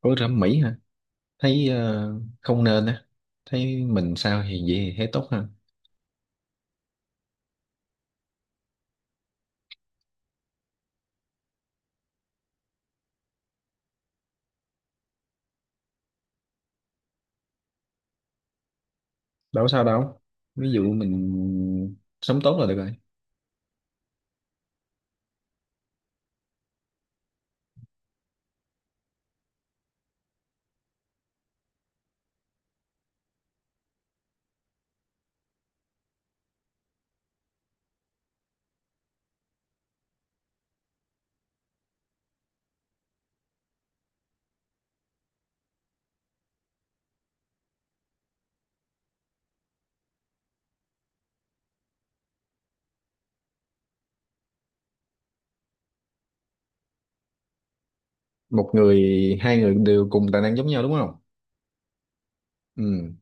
Ủa thẩm mỹ hả? Thấy không nên á. Thấy mình sao thì vậy thì thấy tốt ha. Đâu có sao đâu. Ví dụ mình sống tốt là được rồi. Một người, hai người đều cùng tài năng giống nhau đúng không? Ừ.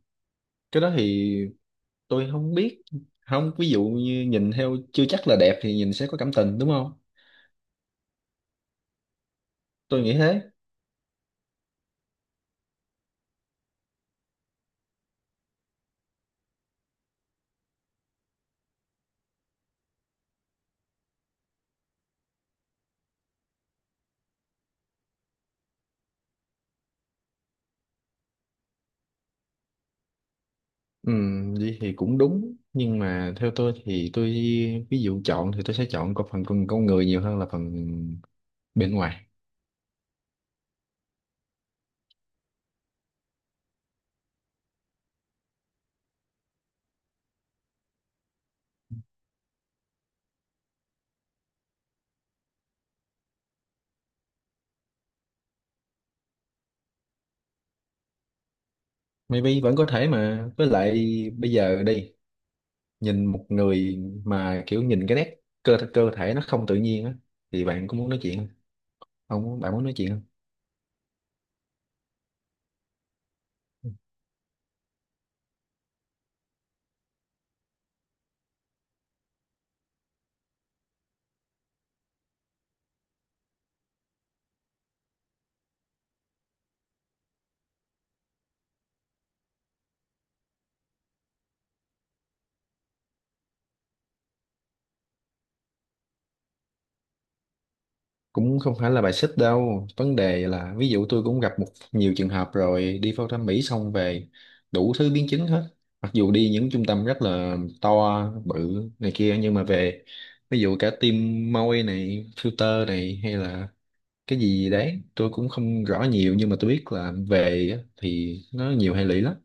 Cái đó thì tôi không biết. Không, ví dụ như nhìn theo chưa chắc là đẹp thì nhìn sẽ có cảm tình đúng không? Tôi nghĩ thế. Ừ, vậy thì cũng đúng. Nhưng mà theo tôi thì tôi ví dụ chọn thì tôi sẽ chọn có phần con người nhiều hơn là phần bên ngoài. Maybe vẫn có thể mà với lại bây giờ đi nhìn một người mà kiểu nhìn cái nét cơ cơ thể nó không tự nhiên á thì bạn có muốn nói chuyện không? Không, bạn muốn nói chuyện không? Cũng không phải là bài xích đâu. Vấn đề là ví dụ tôi cũng gặp một nhiều trường hợp rồi đi phẫu thuật thẩm Mỹ xong về đủ thứ biến chứng hết. Mặc dù đi những trung tâm rất là to bự này kia nhưng mà về ví dụ cả tim môi này, filter này hay là cái gì đấy tôi cũng không rõ nhiều nhưng mà tôi biết là thì nó nhiều hệ lụy lắm.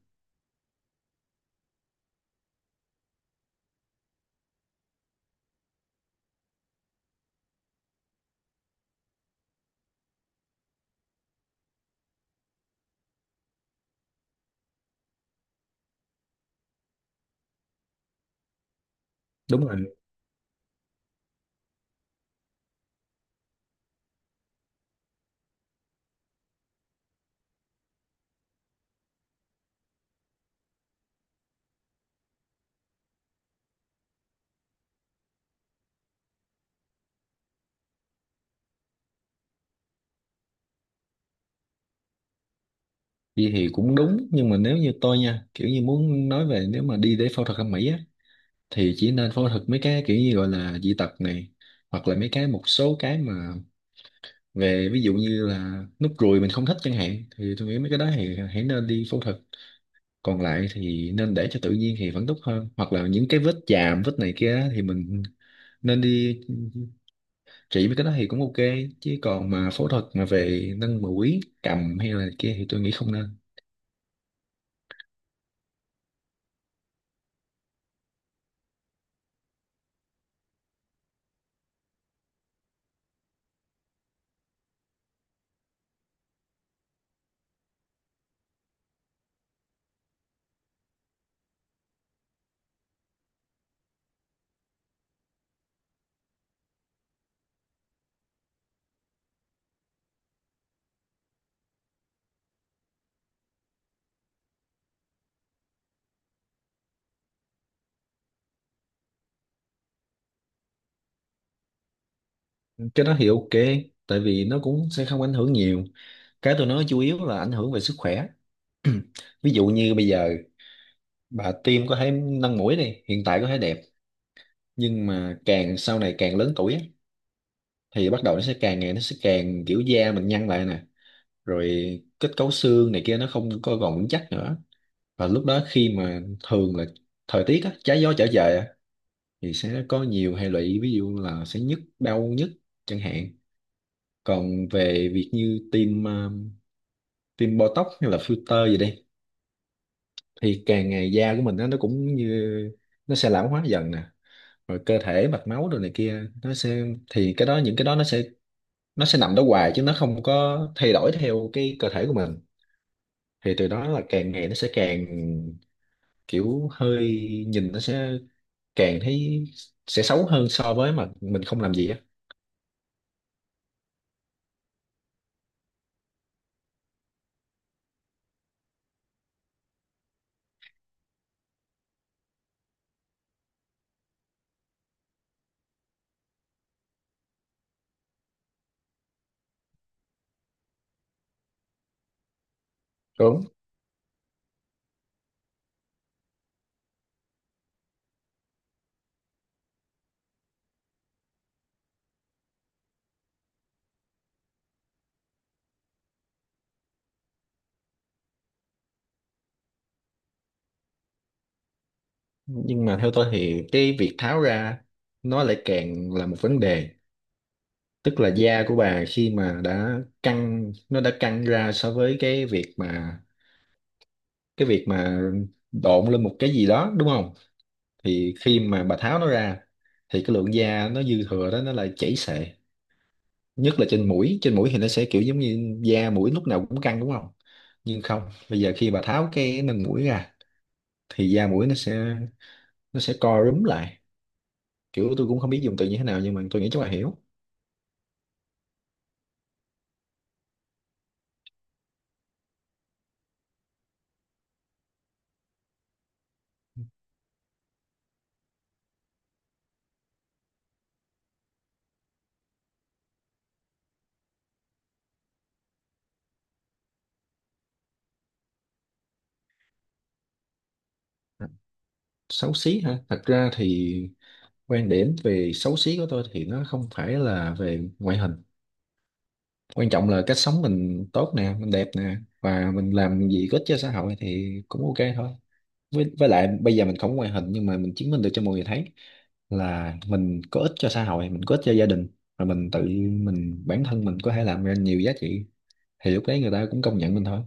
Đúng rồi. Đi thì cũng đúng nhưng mà nếu như tôi nha kiểu như muốn nói về nếu mà đi để phẫu thuật thẩm mỹ á thì chỉ nên phẫu thuật mấy cái kiểu như gọi là dị tật này hoặc là mấy cái một số cái mà về ví dụ như là nút ruồi mình không thích chẳng hạn thì tôi nghĩ mấy cái đó thì hãy nên đi phẫu thuật, còn lại thì nên để cho tự nhiên thì vẫn tốt hơn, hoặc là những cái vết chàm vết này kia, thì mình nên đi trị mấy cái đó thì cũng ok, chứ còn mà phẫu thuật mà về nâng mũi cầm hay là kia thì tôi nghĩ không nên. Cái đó thì ok tại vì nó cũng sẽ không ảnh hưởng nhiều. Cái tôi nói chủ yếu là ảnh hưởng về sức khỏe. Ví dụ như bây giờ bà tiêm có thể nâng mũi đi, hiện tại có thể đẹp nhưng mà càng sau này càng lớn tuổi, thì bắt đầu nó sẽ càng ngày nó sẽ càng kiểu da mình nhăn lại nè, rồi kết cấu xương này kia nó không có còn vững chắc nữa. Và lúc đó khi mà thường là thời tiết, trái gió trở về thì sẽ có nhiều hệ lụy, ví dụ là sẽ nhức đau nhức chẳng hạn. Còn về việc như tiêm tiêm Botox hay là filter gì đi thì càng ngày da của mình nó cũng như nó sẽ lão hóa dần nè, rồi cơ thể mạch máu đồ này kia nó sẽ, thì cái đó những cái đó nó sẽ, nó sẽ nằm đó hoài chứ nó không có thay đổi theo cái cơ thể của mình. Thì từ đó là càng ngày nó sẽ càng kiểu hơi nhìn nó sẽ càng thấy sẽ xấu hơn so với mà mình không làm gì á. Đúng. Nhưng mà theo tôi thì cái việc tháo ra nó lại càng là một vấn đề, tức là da của bà khi mà đã căng nó đã căng ra so với cái việc mà độn lên một cái gì đó đúng không, thì khi mà bà tháo nó ra thì cái lượng da nó dư thừa đó nó lại chảy xệ, nhất là trên mũi thì nó sẽ kiểu giống như da mũi lúc nào cũng căng đúng không, nhưng không bây giờ khi bà tháo cái nền mũi ra thì da mũi nó sẽ, nó sẽ co rúm lại, kiểu tôi cũng không biết dùng từ như thế nào nhưng mà tôi nghĩ chắc bà hiểu. Xấu xí hả? Thật ra thì quan điểm về xấu xí của tôi thì nó không phải là về ngoại hình. Quan trọng là cách sống mình tốt nè, mình đẹp nè và mình làm gì có ích cho xã hội thì cũng ok thôi. Với lại bây giờ mình không có ngoại hình nhưng mà mình chứng minh được cho mọi người thấy là mình có ích cho xã hội, mình có ích cho gia đình, và mình tự mình bản thân mình có thể làm ra nhiều giá trị thì lúc đấy người ta cũng công nhận mình thôi.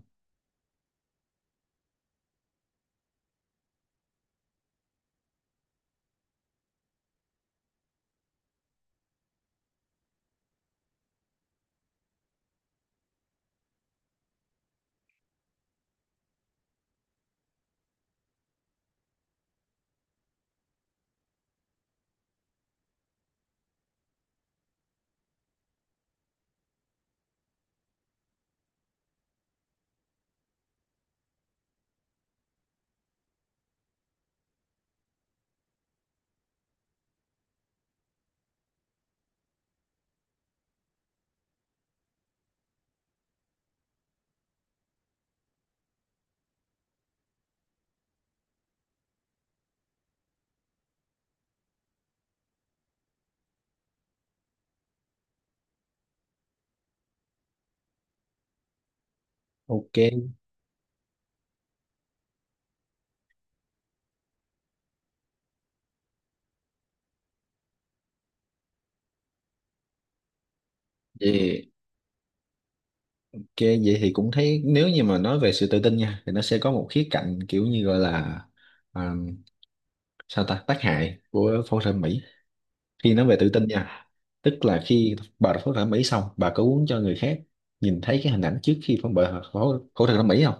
Ok. Vậy. Ok, vậy thì cũng thấy nếu như mà nói về sự tự tin nha thì nó sẽ có một khía cạnh kiểu như gọi là à, sao ta tác hại của phẫu thuật thẩm mỹ khi nói về tự tin nha, tức là khi bà phẫu thuật thẩm mỹ xong bà có muốn cho người khác nhìn thấy cái hình ảnh trước khi phẫu bà phẫu phẫu thuật thẩm mỹ không.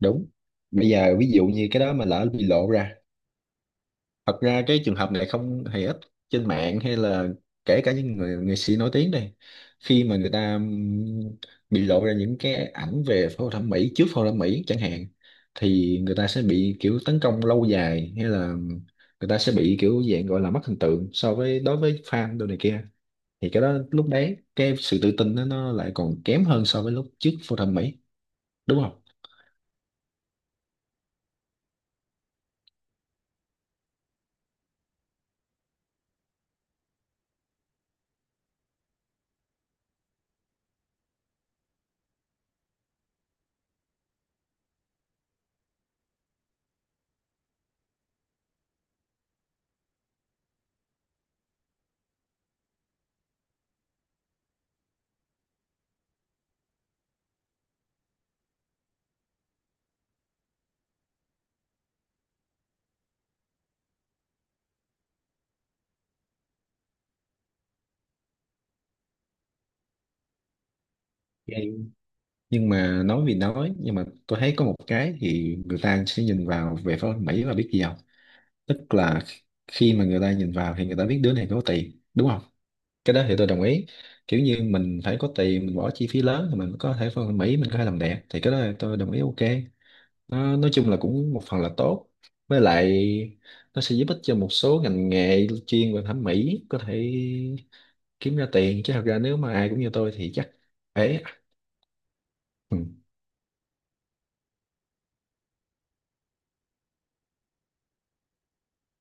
Đúng. Bây giờ ví dụ như cái đó mà lỡ bị lộ ra, thật ra cái trường hợp này không hề ít, trên mạng hay là kể cả những người nghệ sĩ nổi tiếng đây, khi mà người ta bị lộ ra những cái ảnh về phẫu thuật thẩm mỹ trước phẫu thuật thẩm mỹ chẳng hạn thì người ta sẽ bị kiểu tấn công lâu dài, hay là người ta sẽ bị kiểu dạng gọi là mất hình tượng so với đối với fan đồ này kia, thì cái đó lúc đấy cái sự tự tin đó, nó lại còn kém hơn so với lúc trước phẫu thuật thẩm mỹ đúng không. Nhưng mà nói vì nói nhưng mà tôi thấy có một cái thì người ta sẽ nhìn vào về phía Mỹ là biết gì không, tức là khi mà người ta nhìn vào thì người ta biết đứa này có tiền đúng không. Cái đó thì tôi đồng ý. Kiểu như mình phải có tiền mình bỏ chi phí lớn thì mình có thể phân Mỹ mình có thể làm đẹp thì cái đó là tôi đồng ý, ok. Nó, nói chung là cũng một phần là tốt. Với lại nó sẽ giúp ích cho một số ngành nghề chuyên về thẩm mỹ có thể kiếm ra tiền, chứ thật ra nếu mà ai cũng như tôi thì chắc ế. Ừ,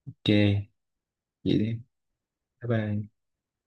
ok. Vậy. Bye bye.